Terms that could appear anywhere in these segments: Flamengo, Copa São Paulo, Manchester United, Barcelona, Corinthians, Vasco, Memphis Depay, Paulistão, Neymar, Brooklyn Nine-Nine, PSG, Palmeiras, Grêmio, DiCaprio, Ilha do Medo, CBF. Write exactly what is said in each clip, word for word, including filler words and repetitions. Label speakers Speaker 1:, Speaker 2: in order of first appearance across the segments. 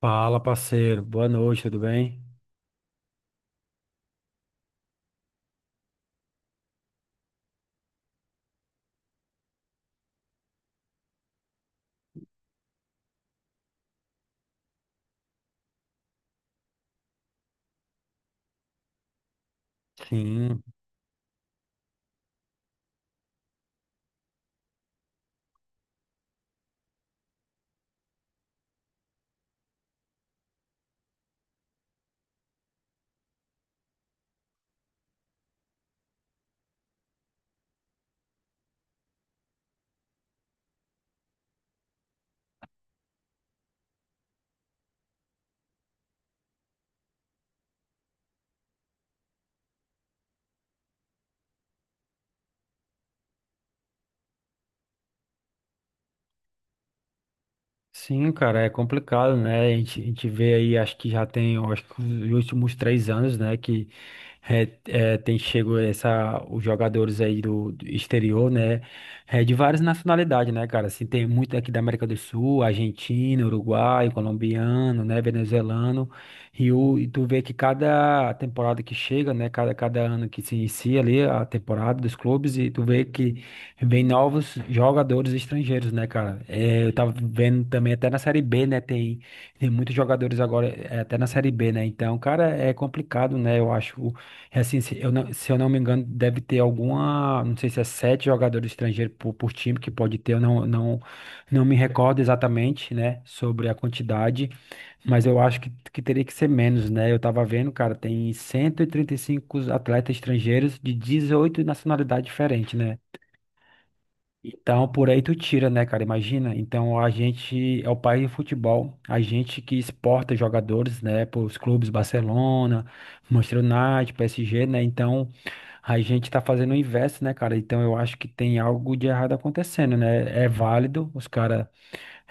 Speaker 1: Fala, parceiro. Boa noite, tudo bem? Sim, sim, cara, é complicado, né? A gente, a gente vê aí, acho que já tem, eu acho que os últimos três anos, né, que é, é, tem chego essa, os jogadores aí do, do exterior, né, é, de várias nacionalidades, né, cara? Assim, tem muito aqui da América do Sul, argentino, uruguaio, colombiano, né, venezuelano, e, o, e tu vê que cada temporada que chega, né, cada, cada ano que se inicia ali a temporada dos clubes, e tu vê que vem novos jogadores estrangeiros, né, cara? É, eu tava vendo também até na Série B, né? Tem, tem muitos jogadores agora, é, até na Série B, né? Então, cara, é complicado, né? Eu acho, é assim, se eu não, se eu não me engano, deve ter alguma, não sei se é sete jogadores estrangeiros por, por time que pode ter, eu não, não, não me recordo exatamente, né, sobre a quantidade, mas eu acho que, que teria que ser menos, né? Eu tava vendo, cara, tem cento e e trinta e cinco atletas estrangeiros de dezoito nacionalidades diferentes, né? Então, por aí tu tira, né, cara? Imagina. Então, a gente é o país do futebol, a gente que exporta jogadores, né, para os clubes Barcelona, Manchester United, P S G, né? Então, a gente tá fazendo o inverso, né, cara? Então, eu acho que tem algo de errado acontecendo, né? É válido os caras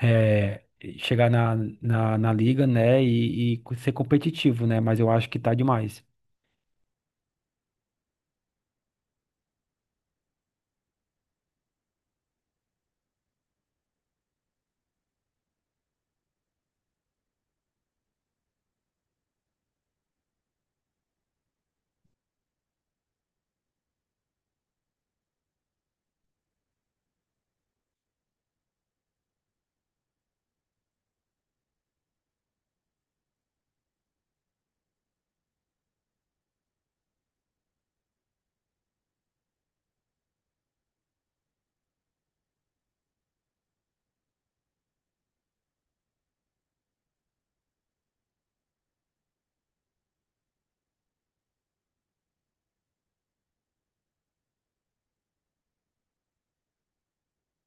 Speaker 1: é, chegar na, na, na liga, né, e, e ser competitivo, né? Mas eu acho que tá demais.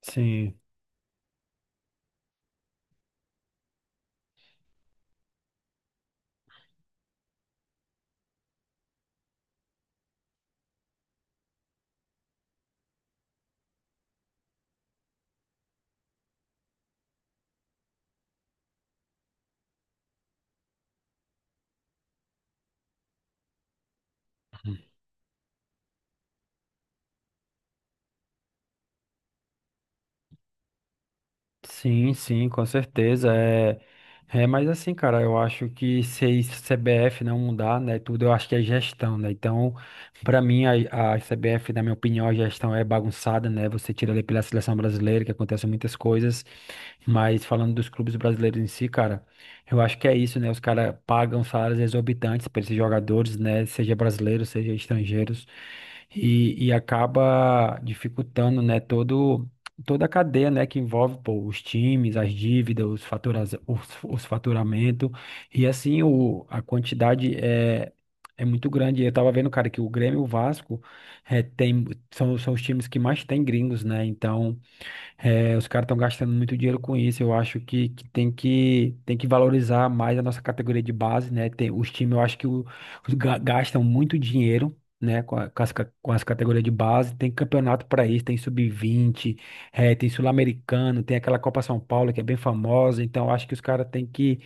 Speaker 1: Sim. Sim, sim, com certeza. É, é, mas assim, cara, eu acho que se a C B F não mudar, né, tudo, eu acho que é gestão, né? Então, para mim, a, a C B F, na minha opinião, a gestão é bagunçada, né? Você tira ali pela seleção brasileira, que acontecem muitas coisas, mas falando dos clubes brasileiros em si, cara, eu acho que é isso, né? Os caras pagam salários exorbitantes para esses jogadores, né? Seja brasileiros, seja estrangeiros, e, e acaba dificultando, né, todo toda a cadeia, né, que envolve, pô, os times, as dívidas, os faturas, os, os faturamento e assim o, a quantidade é é muito grande. Eu tava vendo, cara, que o Grêmio e o Vasco é, tem, são, são os times que mais tem gringos, né? Então é, os caras estão gastando muito dinheiro com isso. Eu acho que, que tem que tem que valorizar mais a nossa categoria de base, né? Tem, os times, eu acho que o- os ga- gastam muito dinheiro, né? Com, a- com as, ca- com as categorias de base. Tem campeonato para isso, tem sub vinte é, tem sul-americano, tem aquela Copa São Paulo que é bem famosa. Então, eu acho que os caras têm que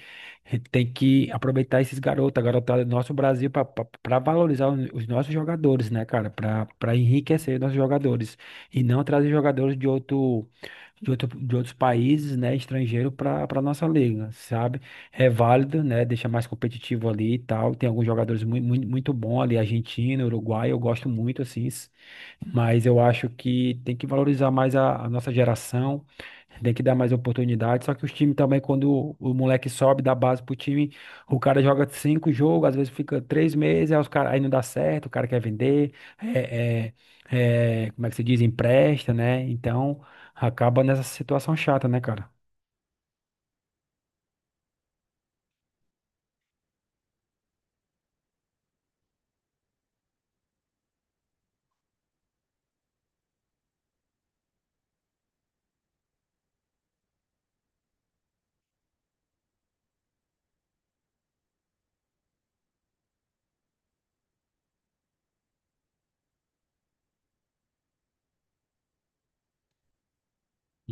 Speaker 1: tem que aproveitar esses garotos, a garotada do nosso Brasil para valorizar os os nossos jogadores, né, cara? Para para enriquecer os nossos jogadores e não trazer jogadores de outro de, outro, de outros países, né, estrangeiro para para nossa liga, sabe? É válido, né? Deixa mais competitivo ali e tal. Tem alguns jogadores muito, muito, muito bons ali, Argentina, Uruguai, eu gosto muito assim, s- mas eu acho que tem que valorizar mais a, a nossa geração. Tem que dar mais oportunidade. Só que os times também, quando o, moleque sobe da base pro time, o cara joga cinco jogos, às vezes fica três meses, aí, os cara, aí não dá certo, o cara quer vender, é, é, é, como é que se diz? Empresta, né? Então acaba nessa situação chata, né, cara?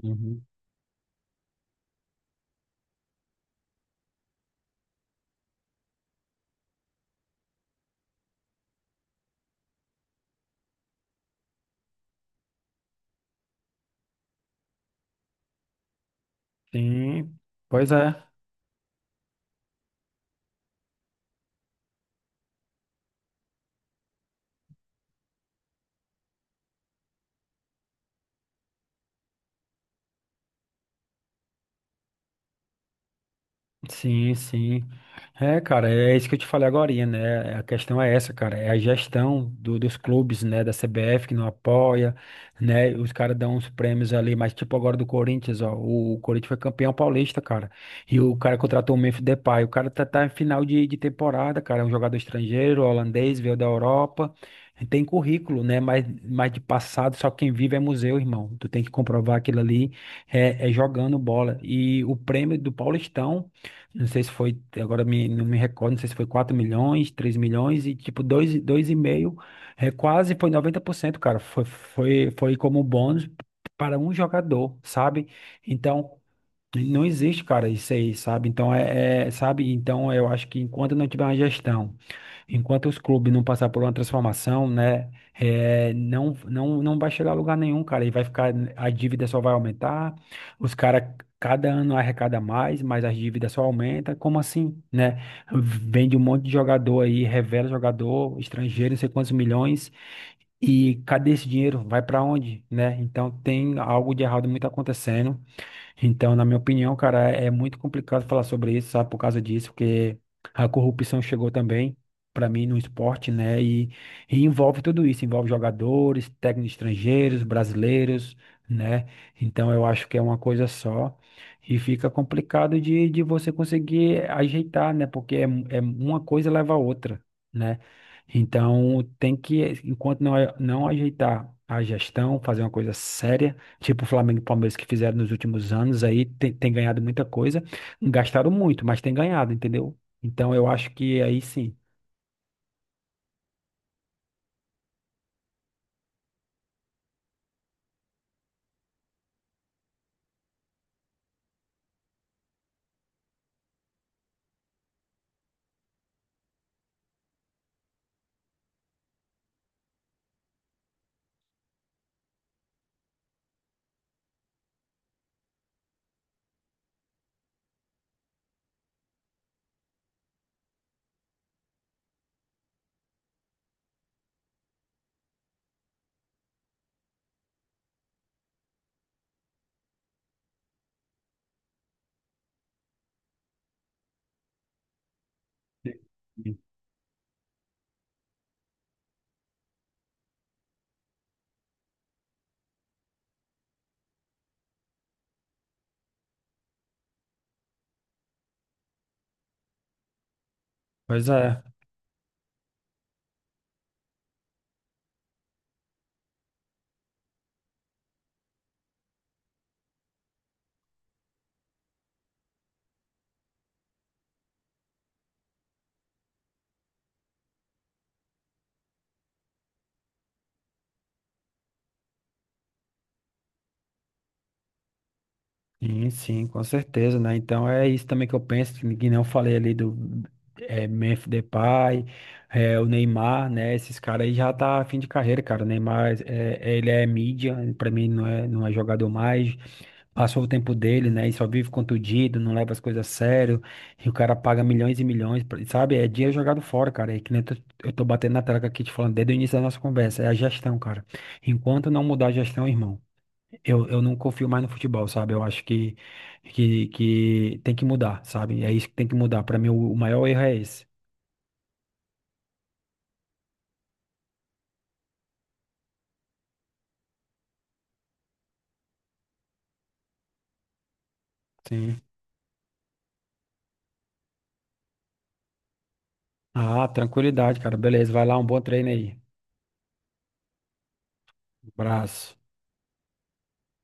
Speaker 1: Uhum. Sim, pois é. Sim, sim. É, cara, é isso que eu te falei agorinha, né? É, A questão é essa, cara. É a gestão do- dos clubes, né? Da C B F que não apoia, né? Os caras dão uns prêmios ali, mas tipo agora do Corinthians, ó. O Corinthians foi campeão paulista, cara. E o cara contratou o Memphis Depay. O cara tá, tá em final de, de temporada, cara. É um jogador estrangeiro, holandês, veio da Europa. Tem currículo, né? Mas, mas de passado, só quem vive é museu, irmão. Tu tem que comprovar aquilo ali é, é jogando bola. E o prêmio do Paulistão. Não sei se foi, agora me, não me recordo, não sei se foi quatro milhões, três milhões e tipo dois dois e meio é, quase foi noventa por cento, cara. Foi, foi, foi como bônus para um jogador, sabe? Então, não existe, cara, isso aí, sabe? Então, é, é, sabe? Então, eu acho que enquanto não tiver uma gestão. Enquanto os clubes não passar por uma transformação, né, é, não, não, não vai chegar a lugar nenhum, cara. E vai ficar, a dívida só vai aumentar. Os caras, cada ano arrecada mais, mas as dívidas só aumenta. Como assim, né? Vende um monte de jogador aí, revela jogador estrangeiro, não sei quantos milhões. E cadê esse dinheiro? Vai para onde, né? Então tem algo de errado muito acontecendo. Então, na minha opinião, cara, é muito complicado falar sobre isso, sabe, por causa disso, porque a corrupção chegou também, para mim, no esporte, né? E, e envolve tudo isso, envolve jogadores, técnicos estrangeiros, brasileiros, né? Então, eu acho que é uma coisa só. E fica complicado de, de você conseguir ajeitar, né? Porque é, é uma coisa leva a outra, né? Então, tem que, enquanto não, não ajeitar a gestão, fazer uma coisa séria. Tipo o Flamengo e o Palmeiras que fizeram nos últimos anos aí, tem, tem ganhado muita coisa. Gastaram muito, mas tem ganhado, entendeu? Então eu acho que aí sim. Pois é, sim, sim, com certeza, né? Então é isso também que eu penso, que que nem eu falei ali do é, Memphis Depay, é, o Neymar, né? Esses caras aí já tá fim de carreira, cara. O Neymar, é, é, ele é mídia, pra mim não é, não é jogador mais. Passou o tempo dele, né? E só vive contundido, não leva as coisas a sério, e o cara paga milhões e milhões, pra- sabe? É dinheiro jogado fora, cara. E que nem eu tô, eu tô batendo na tecla aqui te falando desde o início da nossa conversa, é a gestão, cara. Enquanto não mudar a gestão, irmão, eu, eu não confio mais no futebol, sabe? Eu acho que, que, que tem que mudar, sabe? É isso que tem que mudar. Pra mim, o, o maior erro é esse. Sim. Ah, tranquilidade, cara. Beleza, vai lá, um bom treino aí. Abraço.